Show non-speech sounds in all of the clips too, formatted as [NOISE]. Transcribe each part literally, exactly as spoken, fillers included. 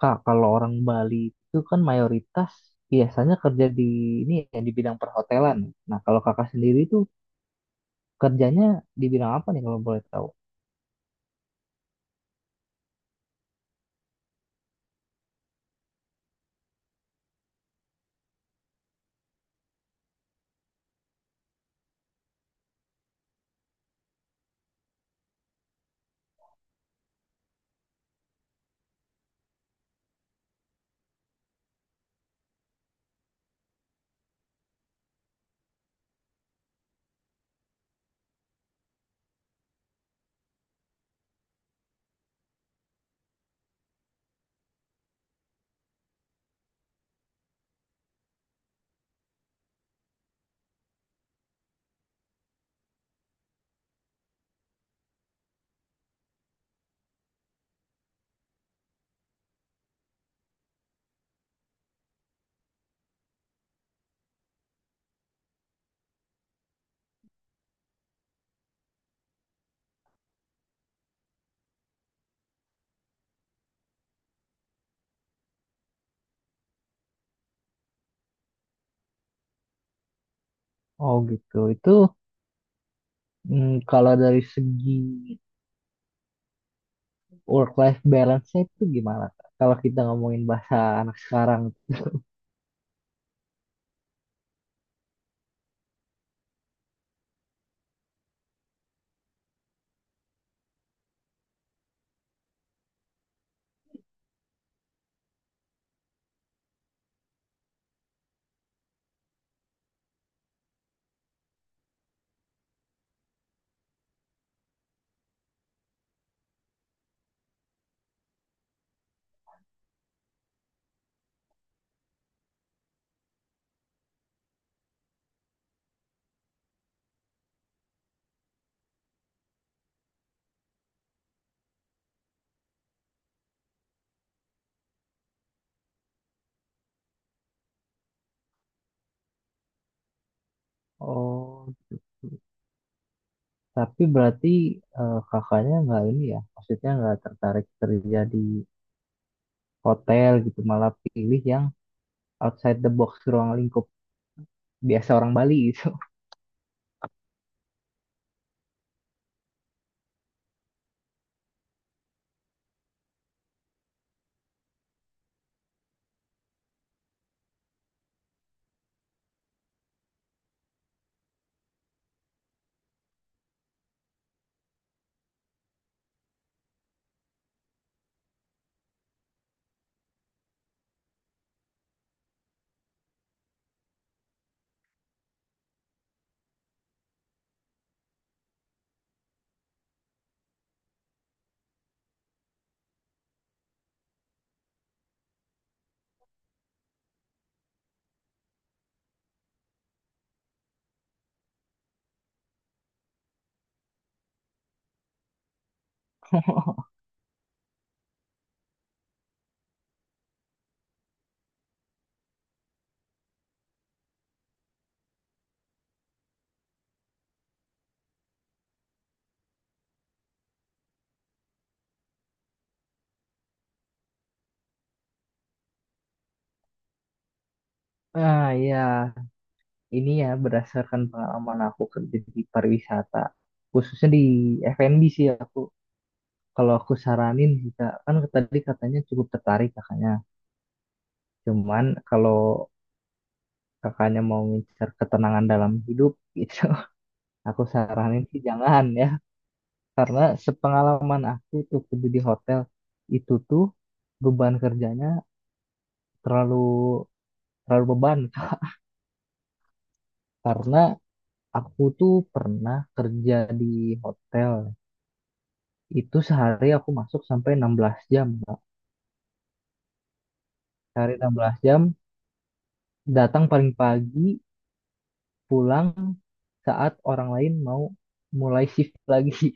Kak, kalau orang Bali itu kan mayoritas biasanya kerja di ini ya di bidang perhotelan. Nah, kalau kakak sendiri itu kerjanya di bidang apa nih kalau boleh tahu? Oh gitu. Itu mm, kalau dari segi work life balance-nya itu gimana, Kak? Kalau kita ngomongin bahasa anak sekarang. Oh, tapi berarti eh, kakaknya nggak ini ya, maksudnya nggak tertarik kerja di hotel gitu, malah pilih yang outside the box ruang lingkup biasa orang Bali gitu. [LAUGHS] Ah ya, ini ya berdasarkan pengalaman aku kerja di pariwisata, khususnya di F and B sih aku. Kalau aku saranin sih Kak, kan tadi katanya cukup tertarik kakaknya. Cuman kalau kakaknya mau ngincar ketenangan dalam hidup gitu, [LAUGHS] aku saranin sih jangan ya. Karena sepengalaman aku tuh kerja di hotel itu tuh beban kerjanya terlalu terlalu beban, karena aku tuh pernah kerja di hotel. Itu sehari aku masuk sampai enam belas jam, Kak. Sehari enam belas jam, datang paling pagi, pulang saat orang lain mau mulai shift lagi.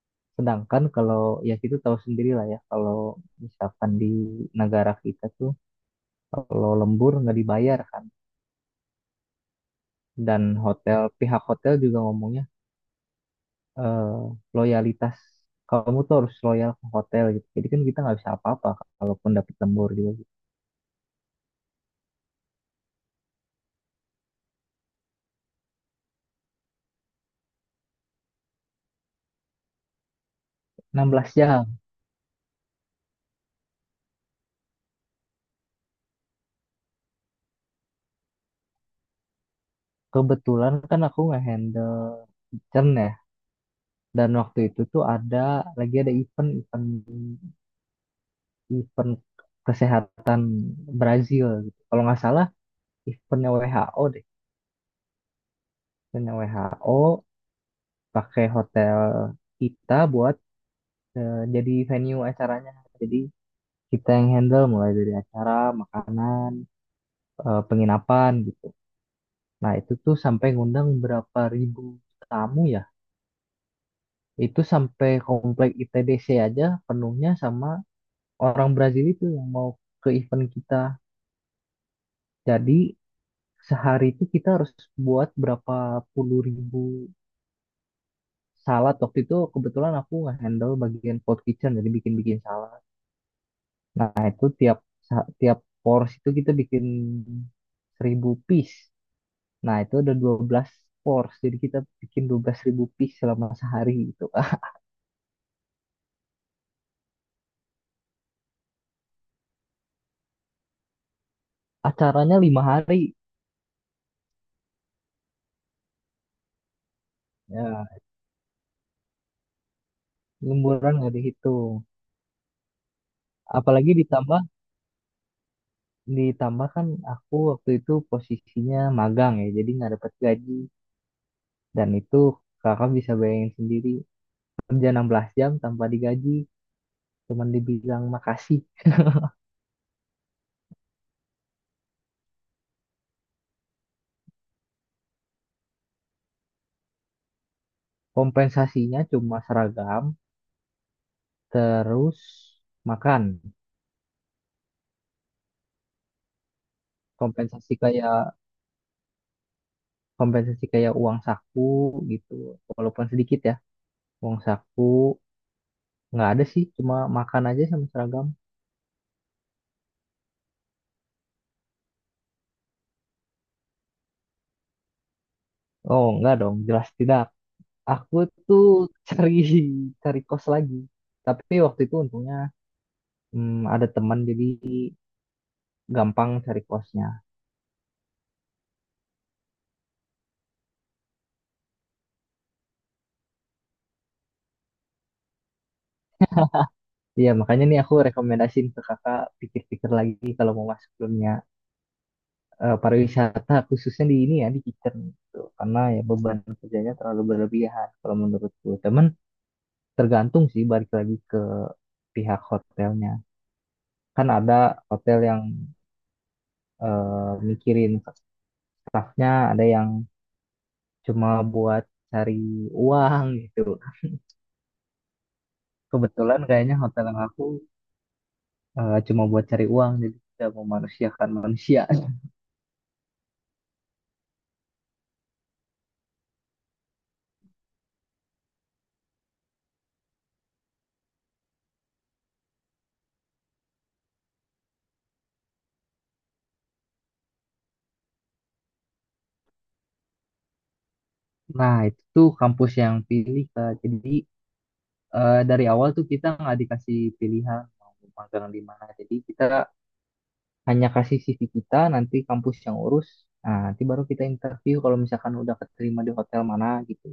[LAUGHS] Sedangkan kalau ya gitu tahu sendiri lah ya, kalau misalkan di negara kita tuh kalau lembur nggak dibayar kan. Dan hotel, pihak hotel juga ngomongnya eh, loyalitas kamu tuh harus loyal ke hotel gitu. Jadi kan kita nggak bisa apa-apa kalaupun dapet lembur juga gitu. Enam belas jam. Kebetulan kan aku nggak handle C E R N ya. Dan waktu itu tuh ada lagi ada event event event kesehatan Brazil gitu. Kalau nggak salah eventnya W H O deh. Eventnya W H O pakai hotel kita buat eh, jadi venue acaranya. Jadi kita yang handle mulai dari acara, makanan, eh, penginapan gitu. Nah itu tuh sampai ngundang berapa ribu tamu ya. Itu sampai komplek I T D C aja penuhnya sama orang Brazil itu yang mau ke event kita. Jadi sehari itu kita harus buat berapa puluh ribu salad. Waktu itu kebetulan aku handle bagian food kitchen, jadi bikin-bikin salad. Nah itu tiap sa- tiap porsi itu kita bikin seribu piece. Nah itu ada dua belas porsi, jadi kita bikin dua belas ribu piece selama sehari gitu. [LAUGHS] Acaranya lima hari, ya lemburan nggak dihitung. Apalagi ditambah ditambah kan aku waktu itu posisinya magang ya, jadi nggak dapat gaji. Dan itu kakak bisa bayangin sendiri, kerja enam belas jam tanpa digaji, cuman dibilang makasih. Kompensasinya cuma seragam, terus makan. Kompensasi kayak kompensasi kayak uang saku gitu, walaupun sedikit ya. Uang saku nggak ada sih, cuma makan aja sama seragam. Oh, enggak dong, jelas tidak. Aku tuh [LAUGHS] cari cari kos lagi. Tapi waktu itu untungnya hmm, ada teman jadi gampang cari kosnya. Iya, makanya nih aku rekomendasiin ke kakak pikir-pikir lagi kalau mau masuk dunia eh, pariwisata, khususnya di ini ya, di kitchen gitu. Karena ya beban kerjanya terlalu berlebihan kalau menurutku. Temen tergantung sih balik lagi ke pihak hotelnya. Kan ada hotel yang eh, mikirin ke staffnya, ada yang cuma buat cari uang gitu. Kebetulan kayaknya hotel yang aku eh, cuma buat cari uang, jadi tidak memanusiakan manusia. Nah, itu tuh kampus yang pilih, Kak. Jadi eh, dari awal tuh kita nggak dikasih pilihan mau magang di mana. Jadi kita hanya kasih C V kita, nanti kampus yang urus. Nah, nanti baru kita interview kalau misalkan udah keterima di hotel mana gitu.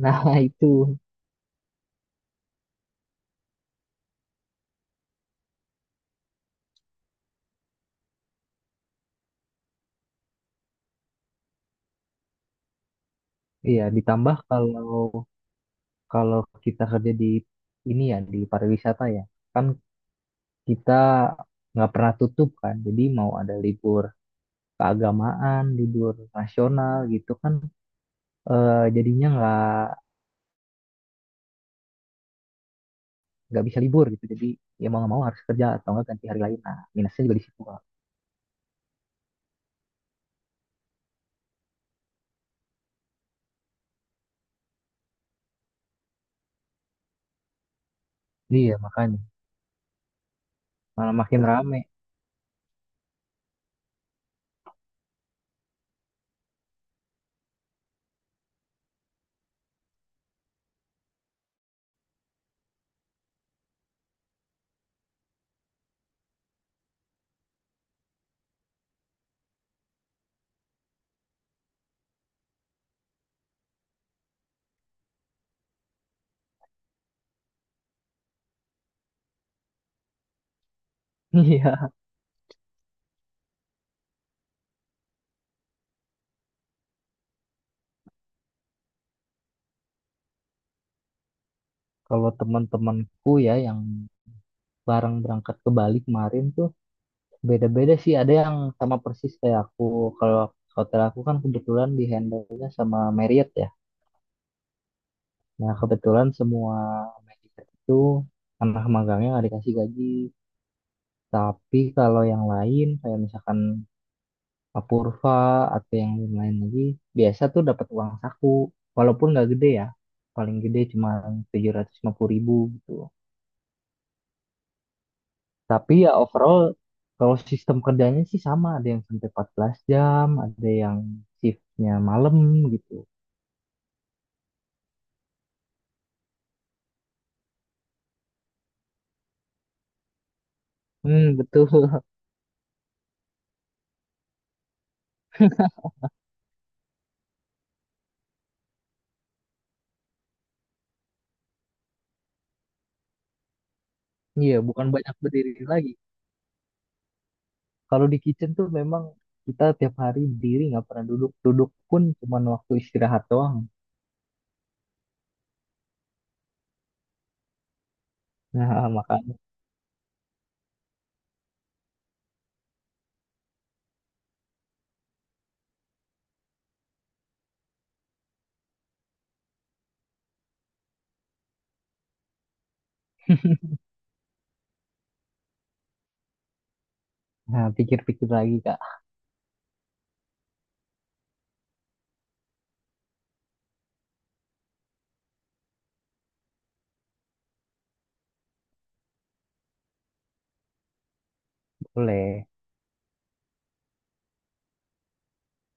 Nah, [LAUGHS] itu. Iya, ditambah kalau kalau kita kerja di ini ya di pariwisata ya. Kan kita nggak pernah tutup kan. Jadi mau ada libur keagamaan, libur nasional gitu kan eh, jadinya nggak nggak bisa libur gitu, jadi ya mau nggak mau harus kerja atau nggak ganti hari lain, nah minusnya juga di situ Kak. Iya, makanya. Malah makin rame. [LAUGHS] Iya. Kalau teman-temanku ya yang bareng berangkat ke Bali kemarin tuh beda-beda sih. Ada yang sama persis kayak aku. Kalau hotel aku kan kebetulan dihandle-nya sama Marriott ya. Nah, kebetulan semua Marriott itu anak magangnya nggak dikasih gaji. Tapi kalau yang lain kayak misalkan Apurva atau yang lain lagi biasa tuh dapat uang saku, walaupun nggak gede ya, paling gede cuma tujuh ratus lima puluh ribu gitu. Tapi ya overall kalau sistem kerjanya sih sama, ada yang sampai empat belas jam, ada yang shiftnya malam gitu. Hmm, betul. [LAUGHS] Iya, bukan banyak berdiri lagi, kalau di kitchen tuh memang kita tiap hari berdiri, nggak pernah duduk, duduk pun cuma waktu istirahat doang. [LAUGHS] Nah makanya. Nah, pikir-pikir lagi kak. Boleh.